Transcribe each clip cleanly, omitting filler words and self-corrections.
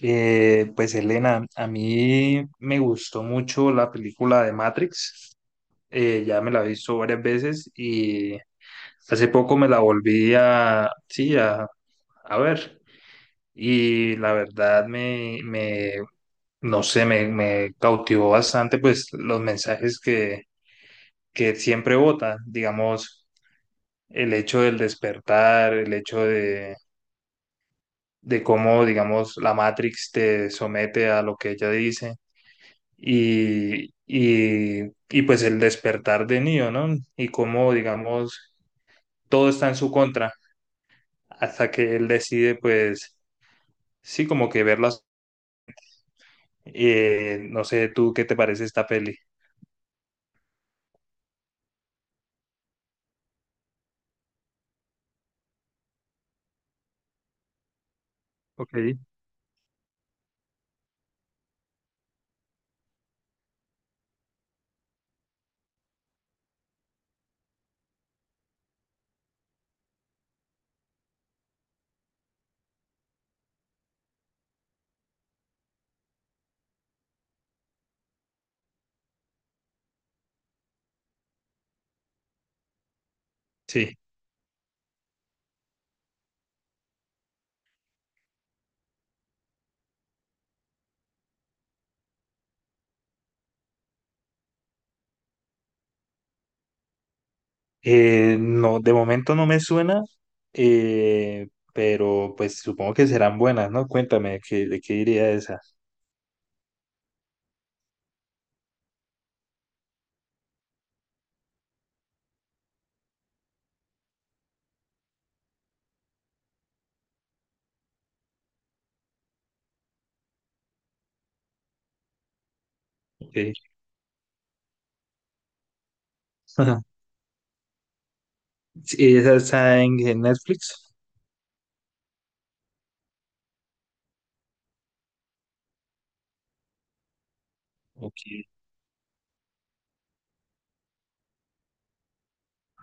Pues Elena, a mí me gustó mucho la película de Matrix. Ya me la he visto varias veces y hace poco me la volví a, sí, a ver, y la verdad me no sé, me cautivó bastante pues los mensajes que siempre vota, digamos. El hecho del despertar, el hecho de cómo, digamos, la Matrix te somete a lo que ella dice, y, y, y pues el despertar de Neo, ¿no? Y cómo, digamos, todo está en su contra hasta que él decide, pues, sí, como que verlas. No sé, ¿tú qué te parece esta peli? Ok. Sí. No, de momento no me suena, eh, pero pues supongo que serán buenas, ¿no? Cuéntame, ¿de qué diría esa? Ok. Ajá. Sí, ¿esa está en Netflix? Ok.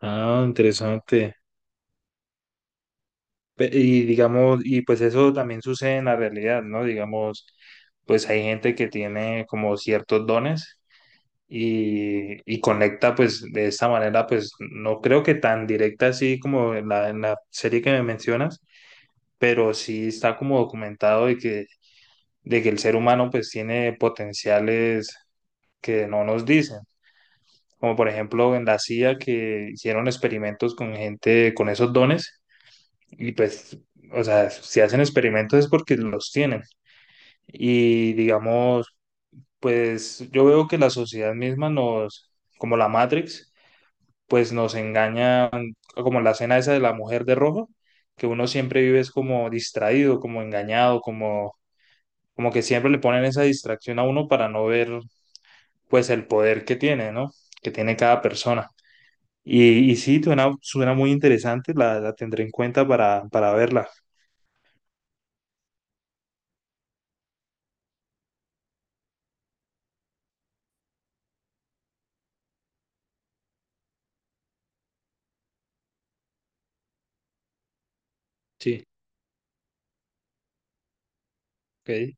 Ah, interesante. Y digamos, y pues eso también sucede en la realidad, ¿no? Digamos, pues hay gente que tiene como ciertos dones y conecta pues de esta manera. Pues no creo que tan directa así como en la serie que me mencionas, pero sí está como documentado de que el ser humano pues tiene potenciales que no nos dicen, como por ejemplo en la CIA, que hicieron experimentos con gente con esos dones, y pues, o sea, si hacen experimentos es porque los tienen. Y digamos, pues yo veo que la sociedad misma nos, como la Matrix, pues nos engaña, como la escena esa de la mujer de rojo, que uno siempre vive es como distraído, como engañado, como que siempre le ponen esa distracción a uno para no ver pues el poder que tiene, ¿no? Que tiene cada persona. Y sí, suena muy interesante, la tendré en cuenta para verla. Sí, ok.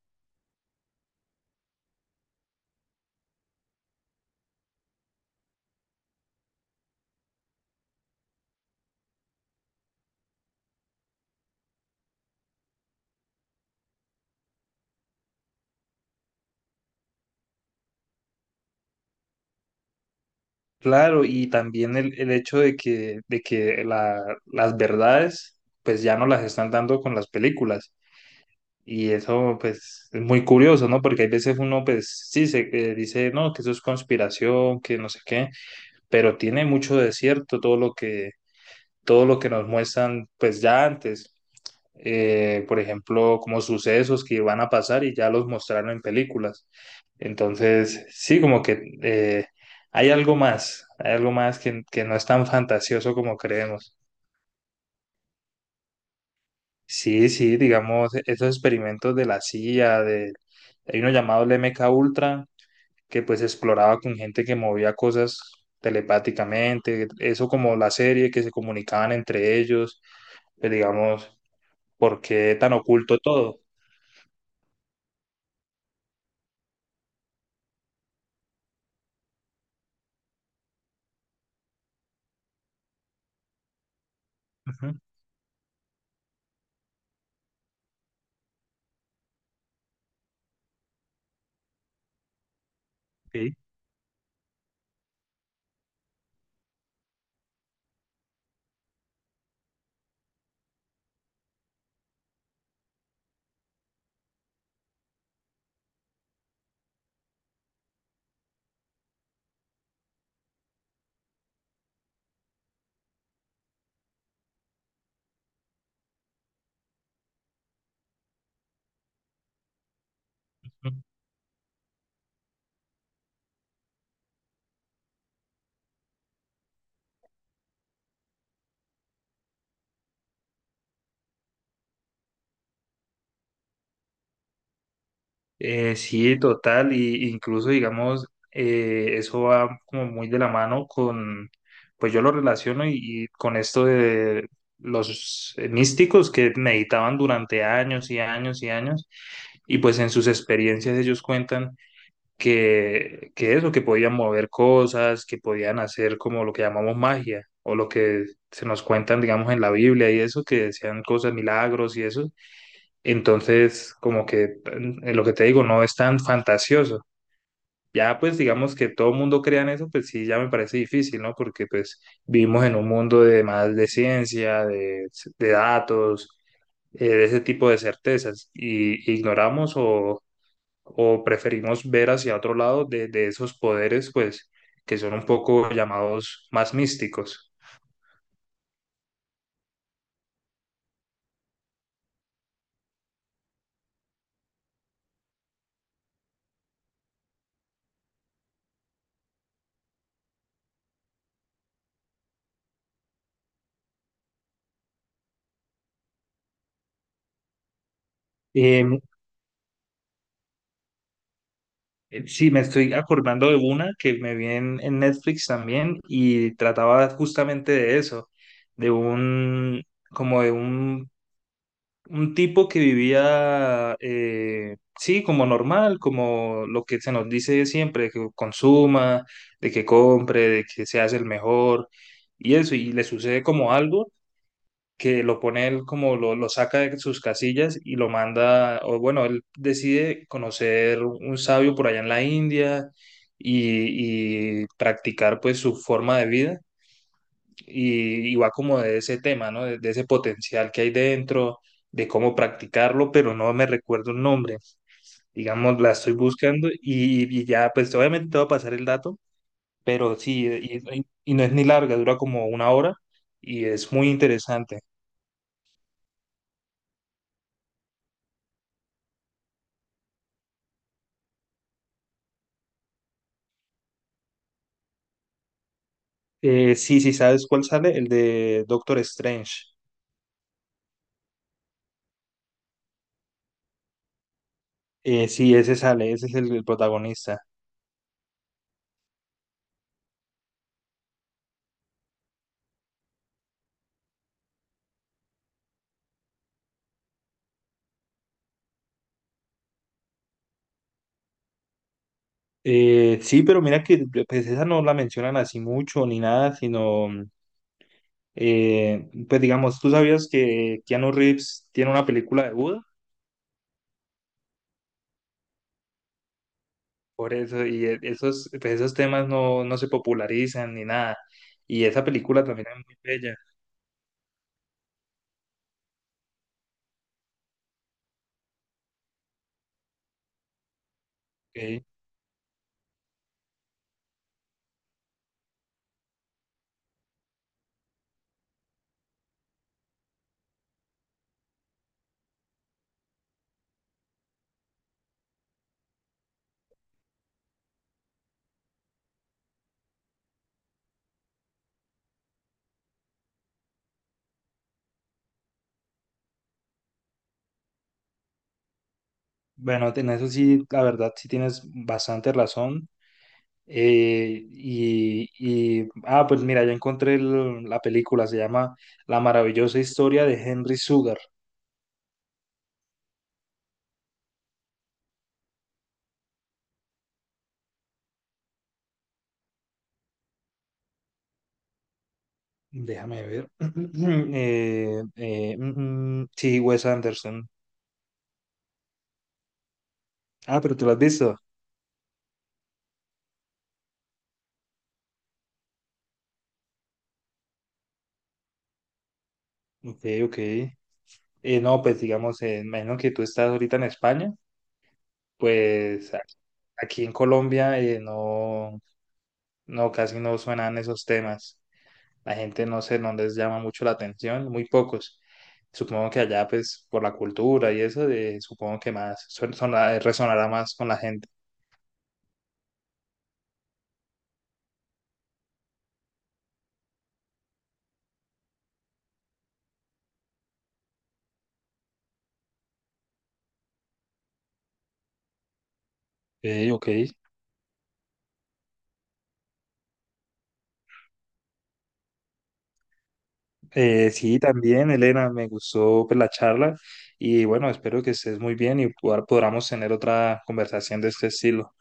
Claro, y también el hecho de que las verdades pues ya no las están dando con las películas. Y eso pues es muy curioso, ¿no? Porque hay veces uno pues sí se dice, no, que eso es conspiración, que no sé qué, pero tiene mucho de cierto todo lo que nos muestran pues ya antes. Por ejemplo, como sucesos que van a pasar y ya los mostraron en películas. Entonces, sí, como que hay algo más que no es tan fantasioso como creemos. Sí, sí, digamos, esos experimentos de la CIA, de, hay uno llamado el M K Ultra, que pues exploraba con gente que movía cosas telepáticamente, eso como la serie, que se comunicaban entre ellos. Pues digamos, ¿por qué tan oculto todo? Ujú, ok. Sí, total, y incluso digamos, eso va como muy de la mano con, pues yo lo relaciono y con esto de los místicos que meditaban durante años y años y años, y pues en sus experiencias ellos cuentan que eso, que podían mover cosas, que podían hacer como lo que llamamos magia, o lo que se nos cuentan, digamos, en la Biblia y eso, que decían cosas, milagros y eso. Entonces, como que lo que te digo, no es tan fantasioso. Ya, pues digamos que todo el mundo crea en eso, pues sí, ya me parece difícil, ¿no? Porque pues vivimos en un mundo de más de ciencia, de, datos, de ese tipo de certezas, y ignoramos o, preferimos ver hacia otro lado de esos poderes, pues, que son un poco llamados más místicos. Eh, Sí, me estoy acordando de una que me vi en Netflix también, y trataba justamente de eso, de un, de un tipo que vivía, sí, como normal, como lo que se nos dice siempre, que consuma, de que compre, de que se hace el mejor y eso, y le sucede como algo que lo pone él como lo saca de sus casillas y lo manda, o bueno, él decide conocer un sabio por allá en la India y practicar pues su forma de vida, y va como de ese tema, ¿no? De ese potencial que hay dentro, de cómo practicarlo, pero no me recuerdo el nombre, digamos, la estoy buscando y ya pues obviamente te va a pasar el dato, pero sí, y no es ni larga, dura como una hora y es muy interesante. Sí, sí, ¿sabes cuál sale? El de Doctor Strange. Sí, ese sale, ese es el protagonista. Sí, pero mira que pues esa no la mencionan así mucho ni nada, sino, pues digamos, ¿tú sabías que Keanu Reeves tiene una película de Buda? Por eso, y esos, pues, esos temas no se popularizan ni nada. Y esa película también es muy bella. Ok. Bueno, en eso sí, la verdad, sí tienes bastante razón. Eh, y, ah, pues mira, ya encontré la película, se llama La maravillosa historia de Henry Sugar. Déjame ver. Sí, Wes Anderson. Ah, pero tú lo has visto. Ok, ok. No, pues digamos, imagino que tú estás ahorita en España, pues aquí en Colombia no, no, casi no suenan esos temas. La gente, no sé, no les llama mucho la atención, muy pocos. Supongo que allá, pues, por la cultura y eso, supongo que más resonará más con la gente. Ok, ok. Sí, también, Elena, me gustó pues la charla, y bueno, espero que estés muy bien y podamos tener otra conversación de este estilo.